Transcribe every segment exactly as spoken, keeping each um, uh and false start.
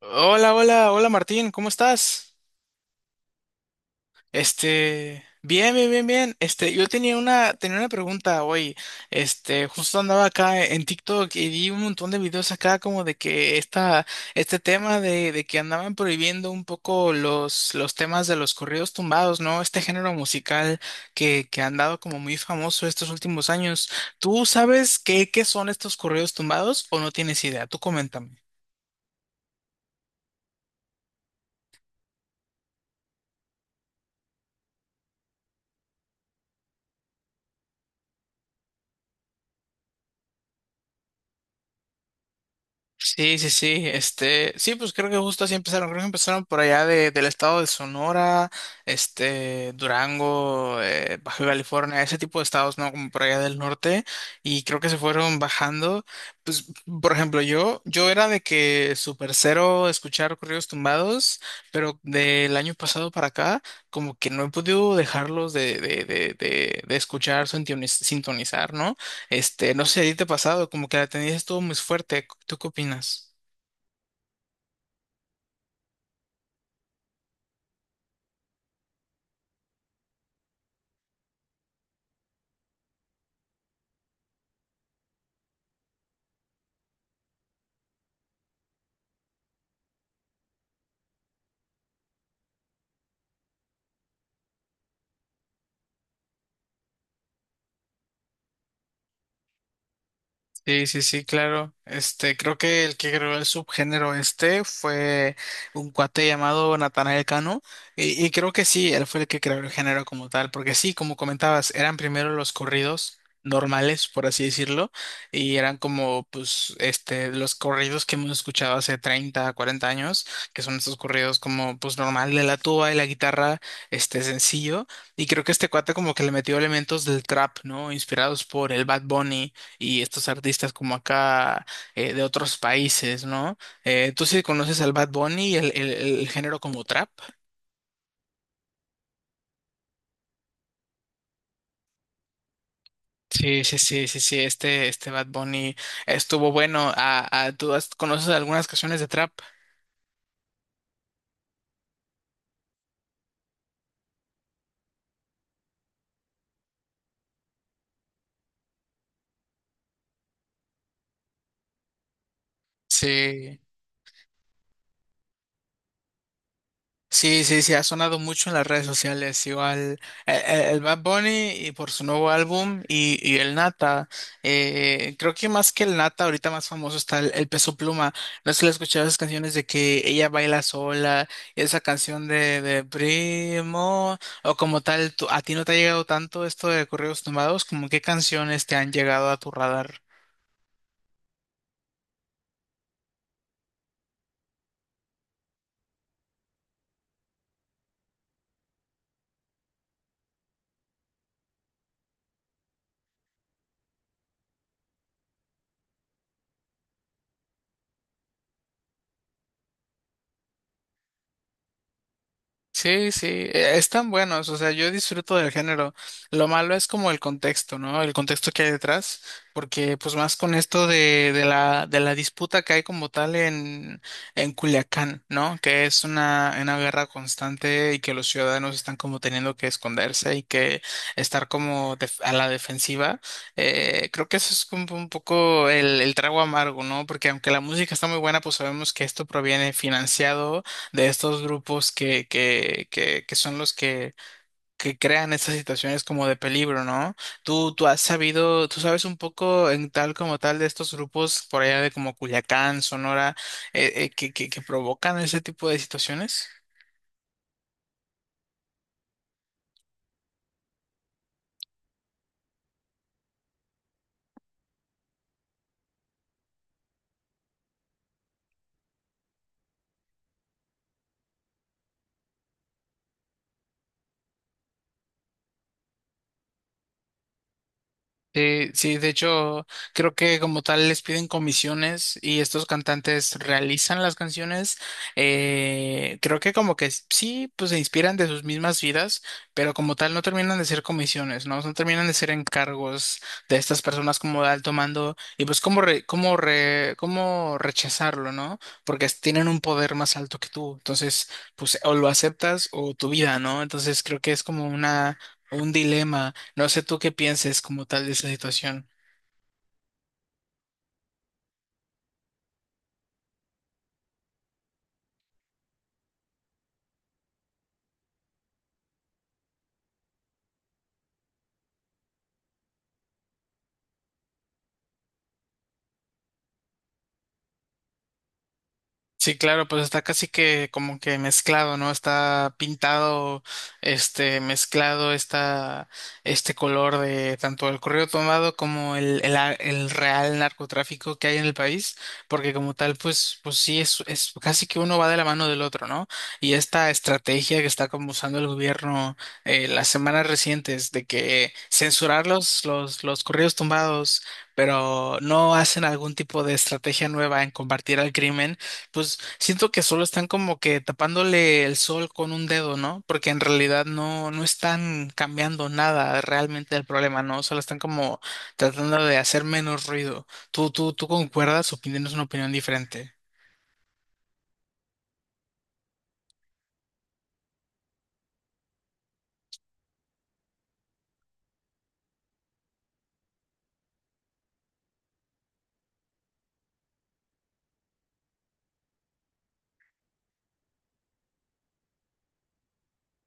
Hola, hola, hola Martín, ¿cómo estás? Este, bien, bien, bien, bien. Este, yo tenía una, tenía una pregunta hoy. Este, justo andaba acá en TikTok y vi un montón de videos acá como de que esta, este tema de, de que andaban prohibiendo un poco los, los temas de los corridos tumbados, ¿no? Este género musical que, que ha andado como muy famoso estos últimos años. ¿Tú sabes qué, qué son estos corridos tumbados o no tienes idea? Tú coméntame. Sí, sí, sí, este, sí, pues creo que justo así empezaron, creo que empezaron por allá de, del estado de Sonora, este, Durango, eh, Baja California, ese tipo de estados, ¿no? Como por allá del norte, y creo que se fueron bajando, pues, por ejemplo, yo, yo era de que super cero escuchar corridos tumbados, pero del año pasado para acá, como que no he podido dejarlos de, de, de, de, de escuchar, sintoniz- sintonizar, ¿no? Este, no sé, ¿a ti te ha pasado? Como que la tendencia estuvo muy fuerte. ¿Tú qué opinas? Sí, sí, sí, claro. Este, creo que el que creó el subgénero este fue un cuate llamado Natanael Cano. Y, y creo que sí, él fue el que creó el género como tal. Porque sí, como comentabas, eran primero los corridos normales, por así decirlo. Y eran como, pues, este, los corridos que hemos escuchado hace treinta, cuarenta años, que son estos corridos como, pues, normal de la tuba y la guitarra, este, sencillo. Y creo que este cuate como que le metió elementos del trap, ¿no? Inspirados por el Bad Bunny y estos artistas como acá eh, de otros países, ¿no? Eh, ¿tú sí conoces al Bad Bunny, el, el, el género como trap? Sí, sí, sí, sí, sí, este, este Bad Bunny estuvo bueno. Ah, ah, ¿tú has- conoces algunas canciones de trap? Sí. Sí, sí, sí, ha sonado mucho en las redes sociales, igual eh, eh, el Bad Bunny y por su nuevo álbum y, y el Nata, eh, creo que más que el Nata, ahorita más famoso está el, el Peso Pluma, no sé si le has escuchado esas canciones de que ella baila sola, y esa canción de, de Primo, o como tal, tú- ¿a ti no te ha llegado tanto esto de corridos tumbados? ¿Cómo qué canciones te han llegado a tu radar? Sí, sí, eh, están buenos, o sea, yo disfruto del género. Lo malo es como el contexto, ¿no? El contexto que hay detrás, porque pues más con esto de, de la, de la disputa que hay como tal en, en Culiacán, ¿no? Que es una, una guerra constante y que los ciudadanos están como teniendo que esconderse y que estar como def- a la defensiva. Eh, creo que eso es como un poco el, el trago amargo, ¿no? Porque aunque la música está muy buena, pues sabemos que esto proviene financiado de estos grupos que, que, que, que son los que, que crean estas situaciones como de peligro, ¿no? Tú, tú has sabido, tú sabes un poco en tal como tal de estos grupos por allá de como Culiacán, Sonora, eh, eh, que, que, que provocan ese tipo de situaciones. Sí, sí, de hecho, creo que como tal les piden comisiones y estos cantantes realizan las canciones. Eh, creo que como que s- sí, pues se inspiran de sus mismas vidas, pero como tal no terminan de ser comisiones, ¿no? No terminan de ser encargos de estas personas como de alto mando y pues cómo, re- cómo, re- cómo rechazarlo, ¿no? Porque es- tienen un poder más alto que tú. Entonces, pues o lo aceptas o tu vida, ¿no? Entonces creo que es como una, un dilema. No sé tú qué pienses como tal de esa situación. Sí, claro, pues está casi que como que mezclado, ¿no? Está pintado, este, mezclado está este color de tanto el correo tomado como el, el, a- el real narcotráfico que hay en el país, porque como tal, pues, pues sí, es, es casi que uno va de la mano del otro, ¿no? Y esta estrategia que está como usando el gobierno eh, las semanas recientes de que censurar los, los, los correos tumbados, pero no hacen algún tipo de estrategia nueva en combatir al crimen, pues siento que solo están como que tapándole el sol con un dedo, ¿no? Porque en realidad no, no están cambiando nada realmente del problema, ¿no? Solo están como tratando de hacer menos ruido. ¿Tú, tú, tú concuerdas o tienes una opinión diferente?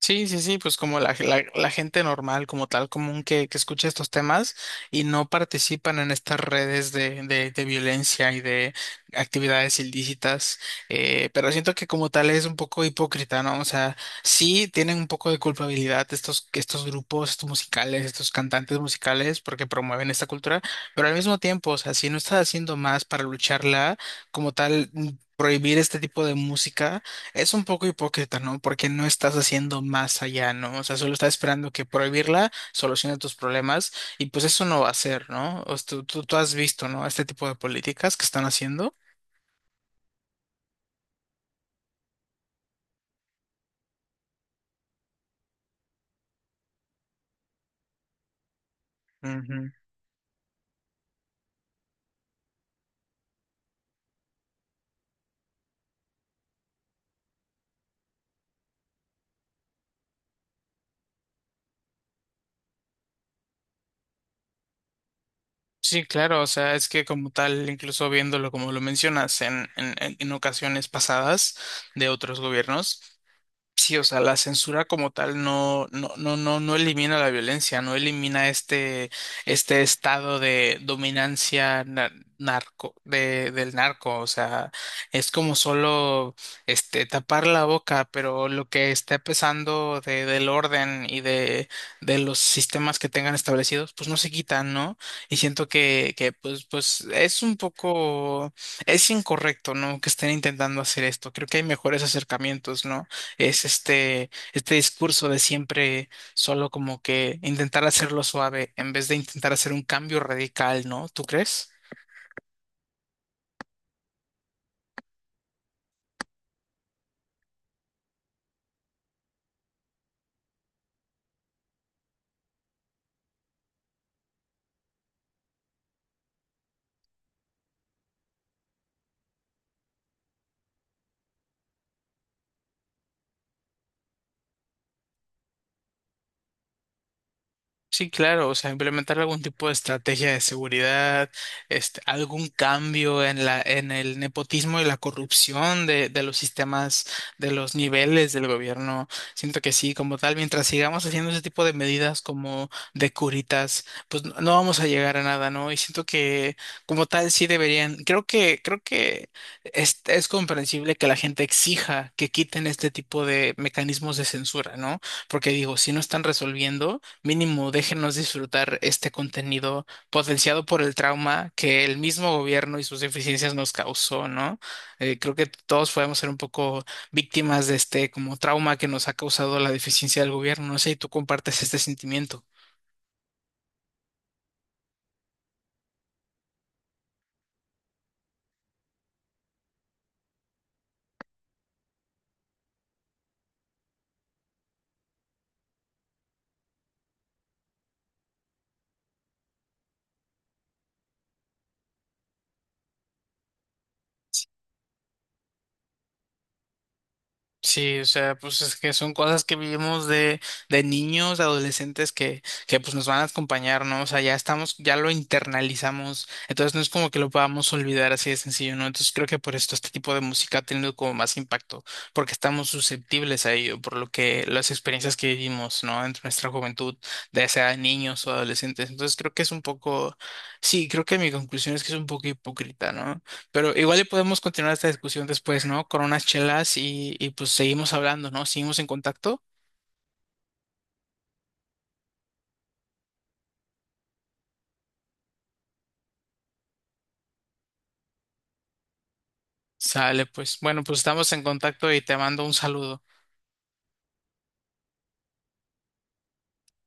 Sí, sí, sí, pues como la, la, la gente normal, como tal común que, que escucha estos temas y no participan en estas redes de, de, de violencia y de actividades ilícitas, eh, pero siento que como tal es un poco hipócrita, ¿no? O sea, sí tienen un poco de culpabilidad estos, estos grupos, estos musicales, estos cantantes musicales, porque promueven esta cultura, pero al mismo tiempo, o sea, si no estás haciendo más para lucharla, como tal... mm, prohibir este tipo de música es un poco hipócrita, ¿no? Porque no estás haciendo más allá, ¿no? O sea, solo estás esperando que prohibirla solucione tus problemas y pues eso no va a ser, ¿no? O sea, tú, tú, tú has visto, ¿no? Este tipo de políticas que están haciendo. Ujú. Sí, claro, o sea, es que como tal, incluso viéndolo como lo mencionas en, en, en en ocasiones pasadas de otros gobiernos, sí, o sea, la censura como tal no, no, no, no, no elimina la violencia, no elimina este, este estado de dominancia na- narco, de, del narco. O sea, es como solo este tapar la boca, pero lo que está pesando de, del orden y de, de los sistemas que tengan establecidos, pues no se quitan, ¿no? Y siento que, que pues, pues es un poco, es incorrecto, ¿no? Que estén intentando hacer esto. Creo que hay mejores acercamientos, ¿no? Es este, este discurso de siempre, solo como que intentar hacerlo suave en vez de intentar hacer un cambio radical, ¿no? ¿Tú crees? Sí, claro, o sea, implementar algún tipo de estrategia de seguridad, este, algún cambio en la, en el nepotismo y la corrupción de, de los sistemas, de los niveles del gobierno. Siento que sí, como tal, mientras sigamos haciendo ese tipo de medidas como de curitas, pues no, no vamos a llegar a nada, ¿no? Y siento que como tal sí deberían, creo que, creo que es, es comprensible que la gente exija que quiten este tipo de mecanismos de censura, ¿no? Porque digo, si no están resolviendo, mínimo déjenos disfrutar este contenido potenciado por el trauma que el mismo gobierno y sus deficiencias nos causó, ¿no? Eh, creo que todos podemos ser un poco víctimas de este como trauma que nos ha causado la deficiencia del gobierno. No sé si tú compartes este sentimiento. Sí, o sea, pues es que son cosas que vivimos de, de niños, de adolescentes que, que pues nos van a acompañar, ¿no? O sea, ya estamos, ya lo internalizamos, entonces no es como que lo podamos olvidar así de sencillo, ¿no? Entonces creo que por esto este tipo de música ha tenido como más impacto, porque estamos susceptibles a ello, por lo que las experiencias que vivimos, ¿no? En nuestra juventud, ya sea niños o adolescentes. Entonces creo que es un poco, sí, creo que mi conclusión es que es un poco hipócrita, ¿no? Pero igual y podemos continuar esta discusión después, ¿no? Con unas chelas y, y pues seguimos hablando, ¿no? Seguimos en contacto. Sale, pues. Bueno, pues estamos en contacto y te mando un saludo.